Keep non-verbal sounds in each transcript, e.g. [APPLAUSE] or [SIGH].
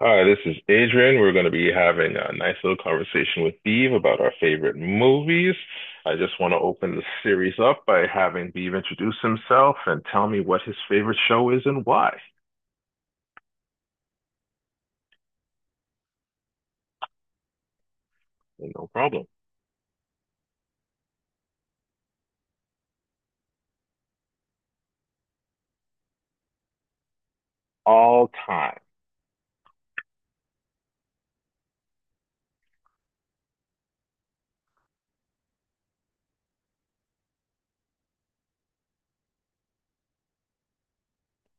Hi, this is Adrian. We're going to be having a nice little conversation with Beav about our favorite movies. I just want to open the series up by having Beav introduce himself and tell me what his favorite show is and why. Hey, no problem. All time.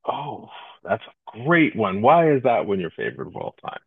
Oh, that's a great one. Why is that one your favorite of all time?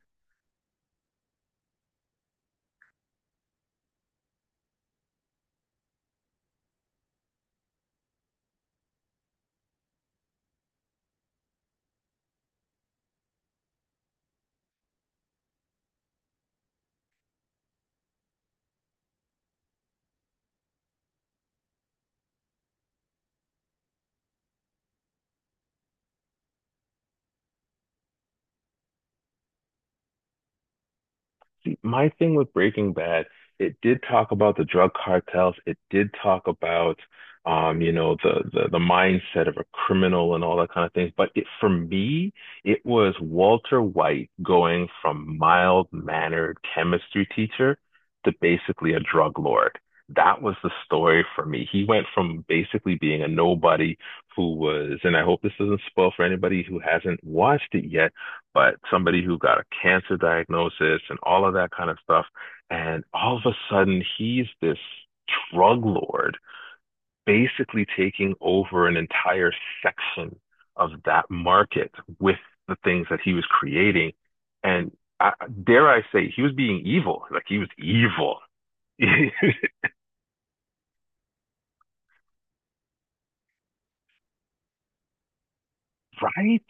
See, my thing with Breaking Bad, it did talk about the drug cartels. It did talk about, the, the mindset of a criminal and all that kind of thing. But it, for me, it was Walter White going from mild-mannered chemistry teacher to basically a drug lord. That was the story for me. He went from basically being a nobody who was, and I hope this doesn't spoil for anybody who hasn't watched it yet, but somebody who got a cancer diagnosis and all of that kind of stuff. And all of a sudden, he's this drug lord basically taking over an entire section of that market with the things that he was creating. And I, dare I say, he was being evil. Like he was evil, [LAUGHS] right?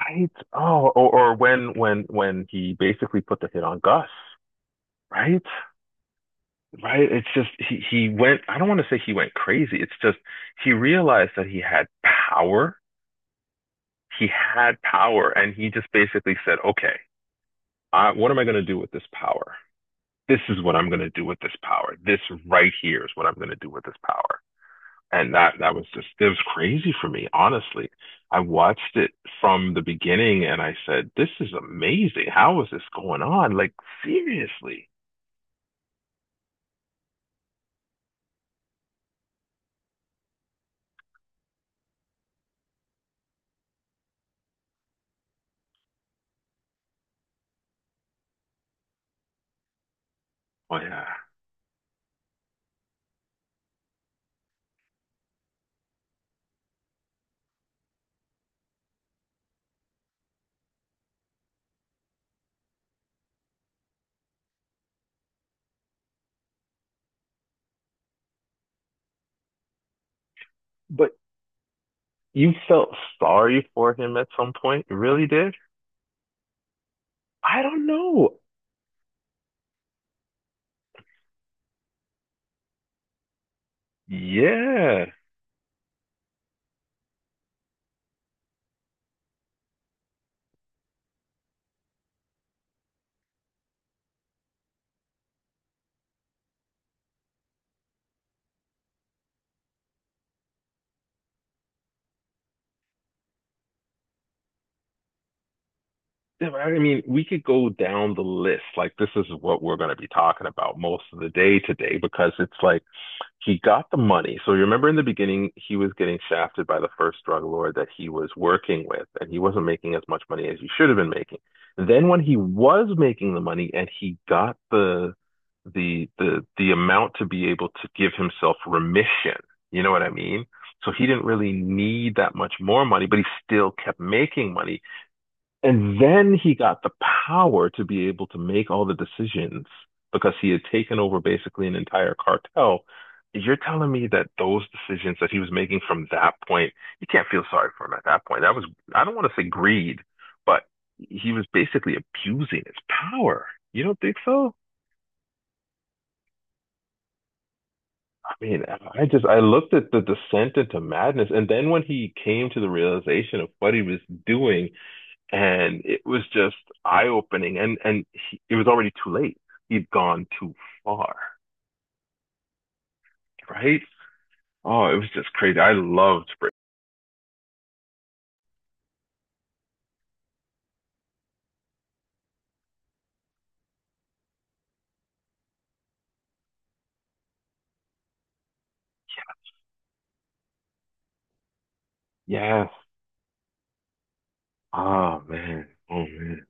Right. Oh, or when when he basically put the hit on Gus, right? Right? It's just he went, I don't want to say he went crazy. It's just he realized that he had power. He had power and he just basically said, "Okay, I, what am I going to do with this power? This is what I'm going to do with this power. This right here is what I'm going to do with this power." And that was just it was crazy for me, honestly. I watched it from the beginning and I said, "This is amazing. How is this going on? Like seriously?" Oh yeah. But you felt sorry for him at some point? You really did? I don't know. Yeah. I mean, we could go down the list. Like, this is what we're going to be talking about most of the day today because it's like he got the money. So you remember in the beginning, he was getting shafted by the first drug lord that he was working with, and he wasn't making as much money as he should have been making. Then when he was making the money and he got the amount to be able to give himself remission, you know what I mean? So he didn't really need that much more money, but he still kept making money and then he got the power to be able to make all the decisions because he had taken over basically an entire cartel. You're telling me that those decisions that he was making from that point, you can't feel sorry for him at that point. That was, I don't want to say greed, but he was basically abusing his power. You don't think so? I mean, I just, I looked at the descent into madness. And then when he came to the realization of what he was doing, and it was just eye opening. And he, it was already too late. He'd gone too far, right? Oh, it was just crazy. I loved Breaking. Yes. Oh man. Oh man.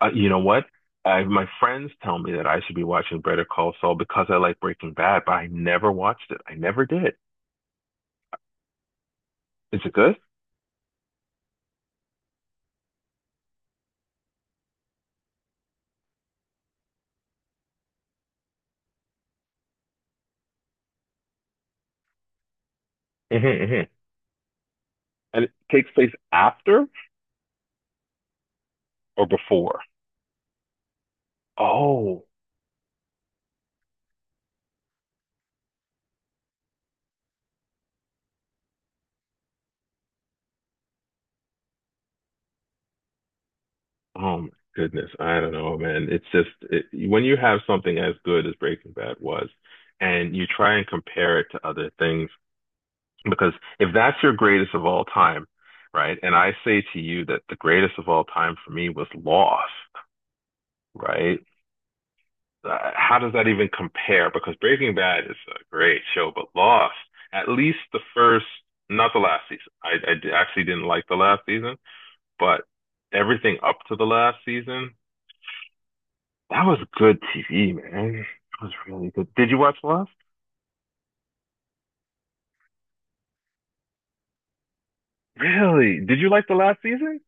You know what? I, my friends tell me that I should be watching Better Call Saul because I like Breaking Bad, but I never watched it. I never did. Is it good? [LAUGHS] Mm-hmm, mm-hmm. And it takes place after or before? Oh, oh my goodness, I don't know, man. It's just it, when you have something as good as Breaking Bad was, and you try and compare it to other things, because if that's your greatest of all time, right? And I say to you that the greatest of all time for me was Lost, right? How does that even compare? Because Breaking Bad is a great show, but Lost, at least the first, not the last season. Actually didn't like the last season, but everything up to the last season, that was good TV, man. It was really good. Did you watch Lost? Really? Did you like the last season?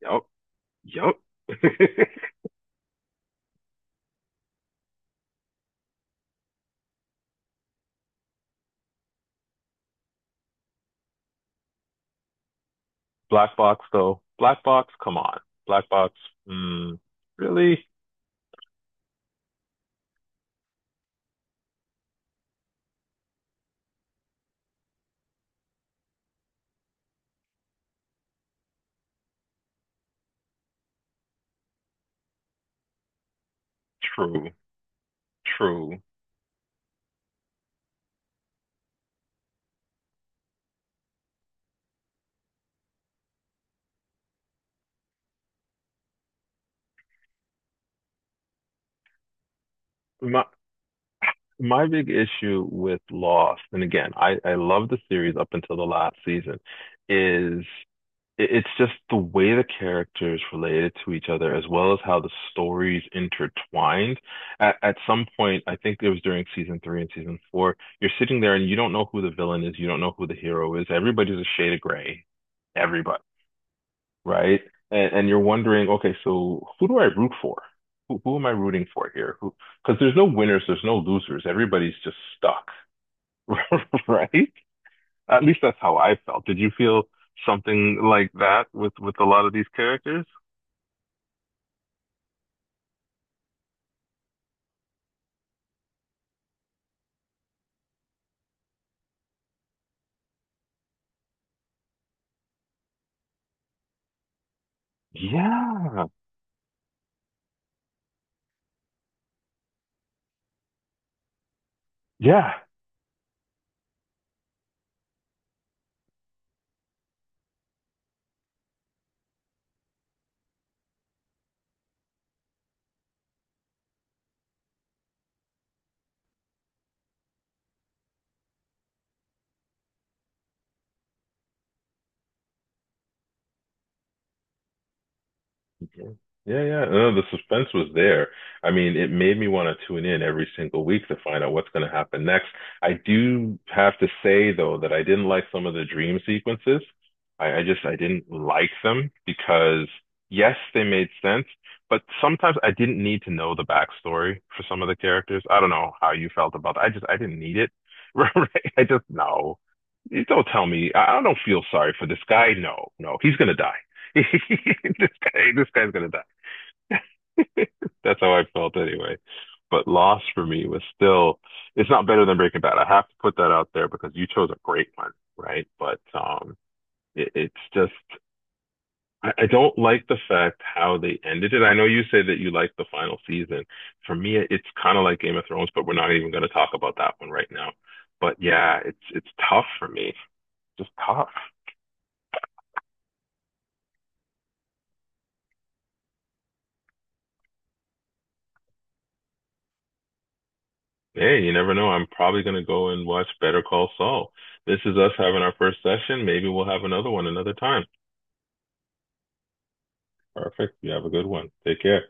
Yup. Yup. [LAUGHS] Black Box, though. Black Box, come on. Black Box, mm, really? True. True. My my big issue with Lost, and again, I love the series up until the last season, is it's just the way the characters related to each other as well as how the stories intertwined. At some point, I think it was during season three and season four, you're sitting there and you don't know who the villain is, you don't know who the hero is. Everybody's a shade of gray. Everybody, right? And you're wondering, okay, so who do I root for? Who am I rooting for here? Who, because there's no winners, there's no losers. Everybody's just stuck, [LAUGHS] right? At least that's how I felt. Did you feel something like that with a lot of these characters? Yeah. Yeah. Okay. Yeah, yeah. No, the suspense was there. I mean, it made me want to tune in every single week to find out what's going to happen next. I do have to say, though, that I didn't like some of the dream sequences. I just, I didn't like them because, yes, they made sense, but sometimes I didn't need to know the backstory for some of the characters. I don't know how you felt about that. I just, I didn't need it. [LAUGHS] Right? I just, no. You don't tell me. I don't feel sorry for this guy. No, no, he's going to die. [LAUGHS] This guy, this guy's gonna die. [LAUGHS] That's how I felt anyway. But Lost for me was still, it's not better than Breaking Bad. I have to put that out there because you chose a great one, right? But it, it's just, I don't like the fact how they ended it. I know you say that you like the final season. For me, it's kind of like Game of Thrones, but we're not even going to talk about that one right now. But yeah, it's tough for me, just tough. Hey, you never know. I'm probably going to go and watch Better Call Saul. This is us having our first session. Maybe we'll have another one another time. Perfect. You have a good one. Take care.